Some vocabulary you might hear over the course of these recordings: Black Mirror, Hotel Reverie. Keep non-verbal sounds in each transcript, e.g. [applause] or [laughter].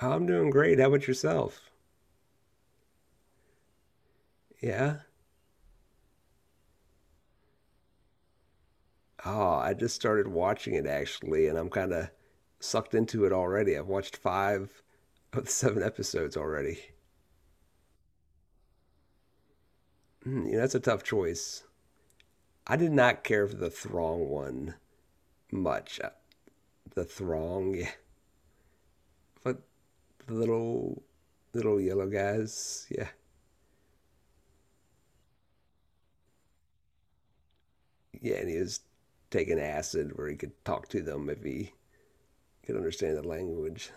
I'm doing great. How about yourself? Yeah. Oh, I just started watching it actually, and I'm kind of sucked into it already. I've watched five [laughs] of the seven episodes already. That's a tough choice. I did not care for the Throng one much. The Throng, [laughs] yeah. But the little yellow guys, yeah. Yeah, and he was taking acid where he could talk to them if he could understand the language.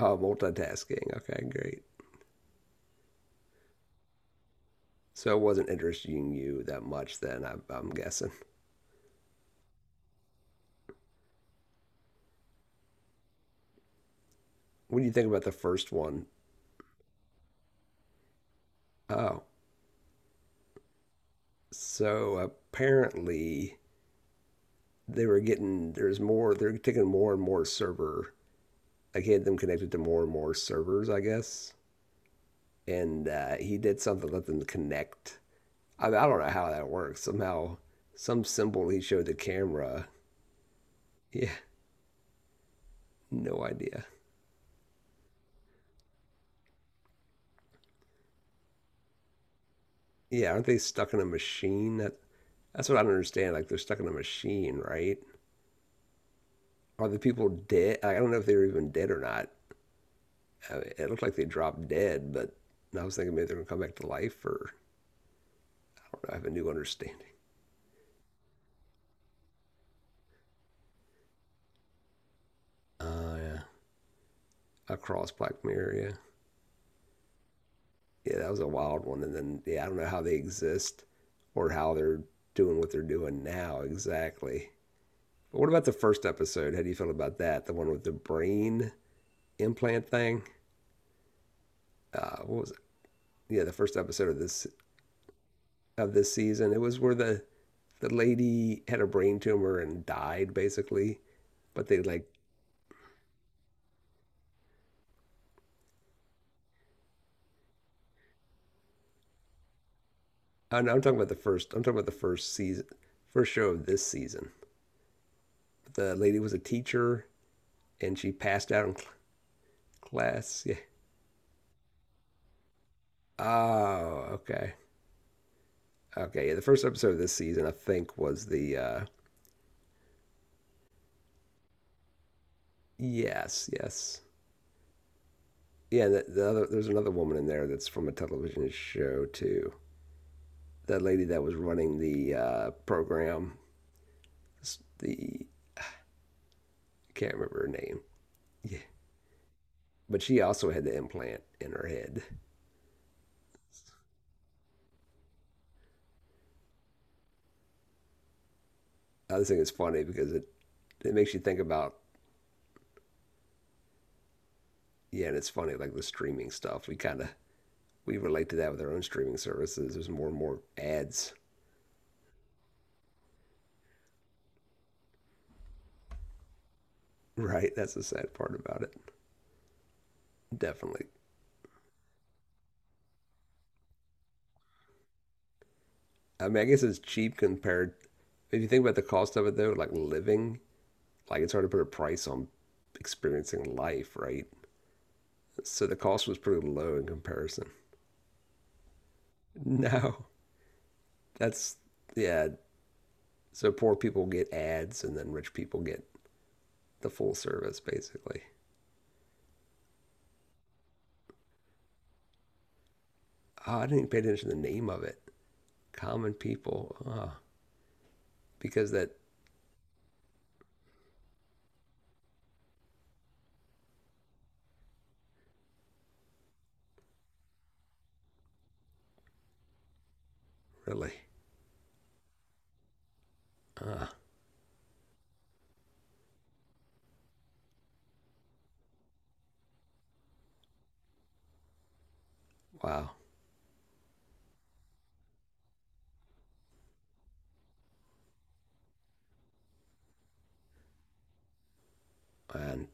Oh, multitasking. Okay, great. So it wasn't interesting you that much then, I'm guessing. What do you think about the first one? Oh, so apparently they were getting, there's more, they're taking more and more server, like he had them connected to more and more servers, I guess. And he did something to let them connect. I don't know how that works. Somehow, some symbol he showed the camera. Yeah, no idea. Yeah, aren't they stuck in a machine? That's what I don't understand. Like they're stuck in a machine, right? Are the people dead? I don't know if they were even dead or not. I mean, it looked like they dropped dead, but I was thinking maybe they're gonna come back to life, or I don't know. I have a new understanding. Yeah, across Black Mirror. Yeah, yeah, that was a wild one. And then yeah, I don't know how they exist or how they're doing what they're doing now exactly. But what about the first episode? How do you feel about that? The one with the brain implant thing. What was it? Yeah, the first episode of this season. It was where the lady had a brain tumor and died basically but they like. I'm talking about the first. I'm talking about the first season, first show of this season. The lady was a teacher, and she passed out in class. Yeah. Oh, okay, okay. Yeah, the first episode of this season, I think, was the. Yes, yes, yeah. The other, there's another woman in there that's from a television show too. That lady that was running the program, the can't remember her name. Yeah, but she also had the implant in her head. I just think it's funny because it makes you think about. Yeah, and it's funny like the streaming stuff. We kind of we relate to that with our own streaming services. There's more and more ads, [laughs] right? That's the sad part about it. Definitely. I mean, I guess it's cheap compared. If you think about the cost of it though, like living, like it's hard to put a price on experiencing life, right? So the cost was pretty low in comparison. [laughs] No, that's yeah. So poor people get ads, and then rich people get the full service, basically. Oh, I didn't even pay attention to the name of it. Common people, because that really, uh, wow, and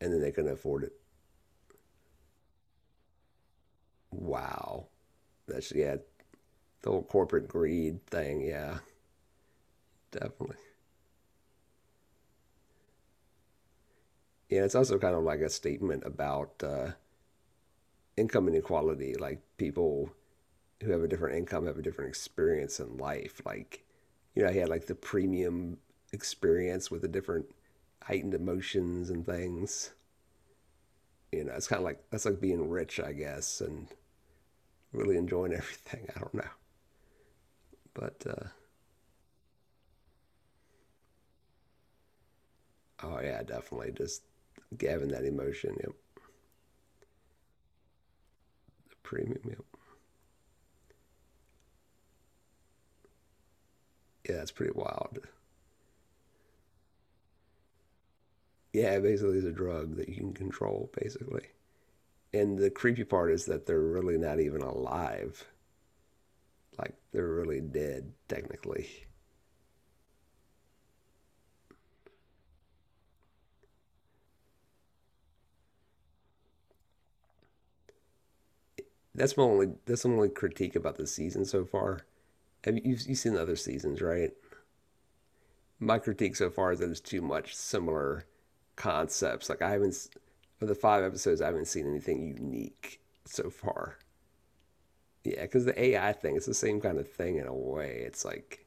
and then they couldn't afford it. Wow, that's yeah, the whole corporate greed thing. Yeah, definitely. Yeah, it's also kind of like a statement about income inequality. Like people who have a different income have a different experience in life. Like, he had like the premium experience with the different heightened emotions and things. It's kind of like that's like being rich, I guess, and really enjoying [laughs] everything. I don't know, but oh yeah, definitely just giving that emotion. Yep, the premium. Yep. Yeah, it's pretty wild. Yeah, basically, it's a drug that you can control, basically. And the creepy part is that they're really not even alive. Like they're really dead technically. That's my only critique about the season so far. You've seen the other seasons, right? My critique so far is that there's too much similar concepts. Like I haven't s- of the five episodes, I haven't seen anything unique so far. Yeah, because the AI thing, it's the same kind of thing in a way. It's like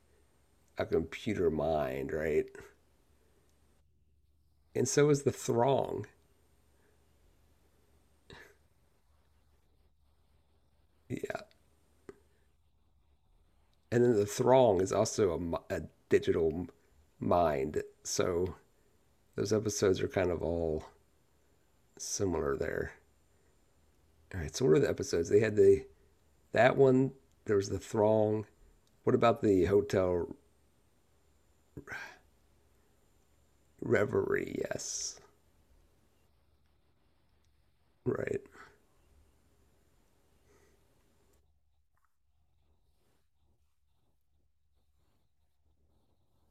a computer mind, right? And so is the Throng. Yeah, and then the Throng is also a digital mind. So those episodes are kind of all similar there. All right, so what are the episodes? They had the that one. There was the Throng. What about the Hotel Reverie? Yes. Right.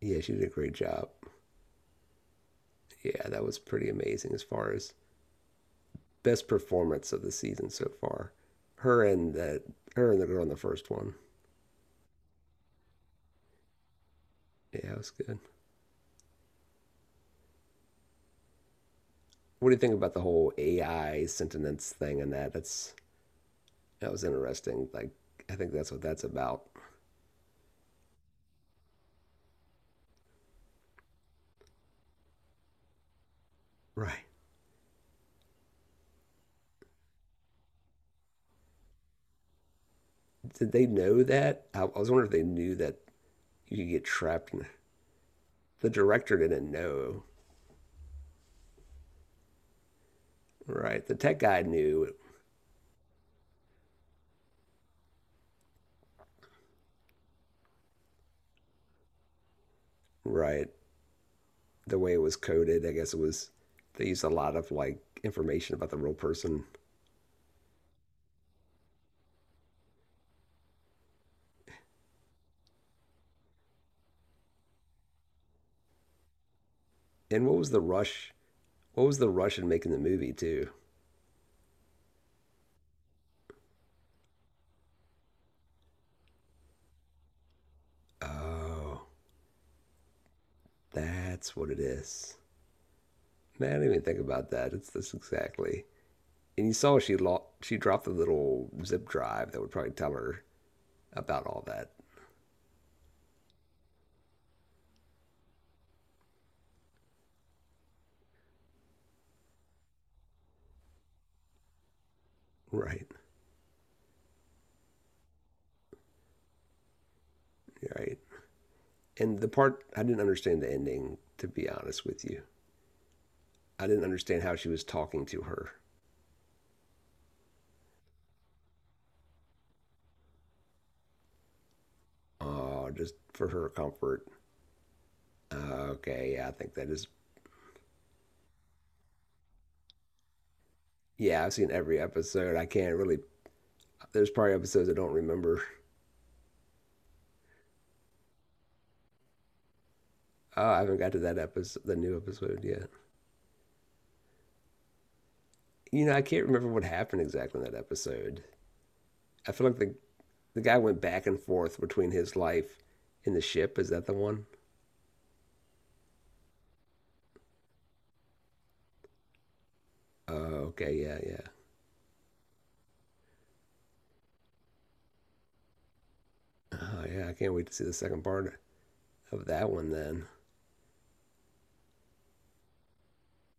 Yeah, she did a great job. Yeah, that was pretty amazing as far as best performance of the season so far. Her and the her and the girl in the first one. Yeah, it was good. What do you think about the whole AI sentience thing and that? That was interesting. Like I think that's what that's about. Right. Did they know that? I was wondering if they knew that you could get trapped in the director didn't know. Right. The tech guy knew. Right. The way it was coded. I guess it was they used a lot of like information about the real person. And what was the rush? What was the rush in making the movie too? Oh, that's what it is. Man, I didn't even think about that. It's this exactly. And you saw she dropped the little zip drive that would probably tell her about all that. Right, right. And the part I didn't understand the ending. To be honest with you, I didn't understand how she was talking to her. Oh, just for her comfort. Uh, Okay, yeah, I think that is. Yeah, I've seen every episode. I can't really. There's probably episodes I don't remember. Oh, I haven't got to that episode, the new episode yet. You know, I can't remember what happened exactly in that episode. I feel like the guy went back and forth between his life and the ship. Is that the one? Oh, okay, yeah, yeah. Oh, yeah. I can't wait to see the second part of that one then.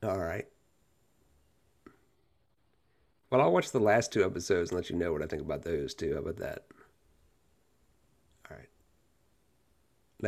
All right. Well, I'll watch the last two episodes and let you know what I think about those too. How about that? All right. Later.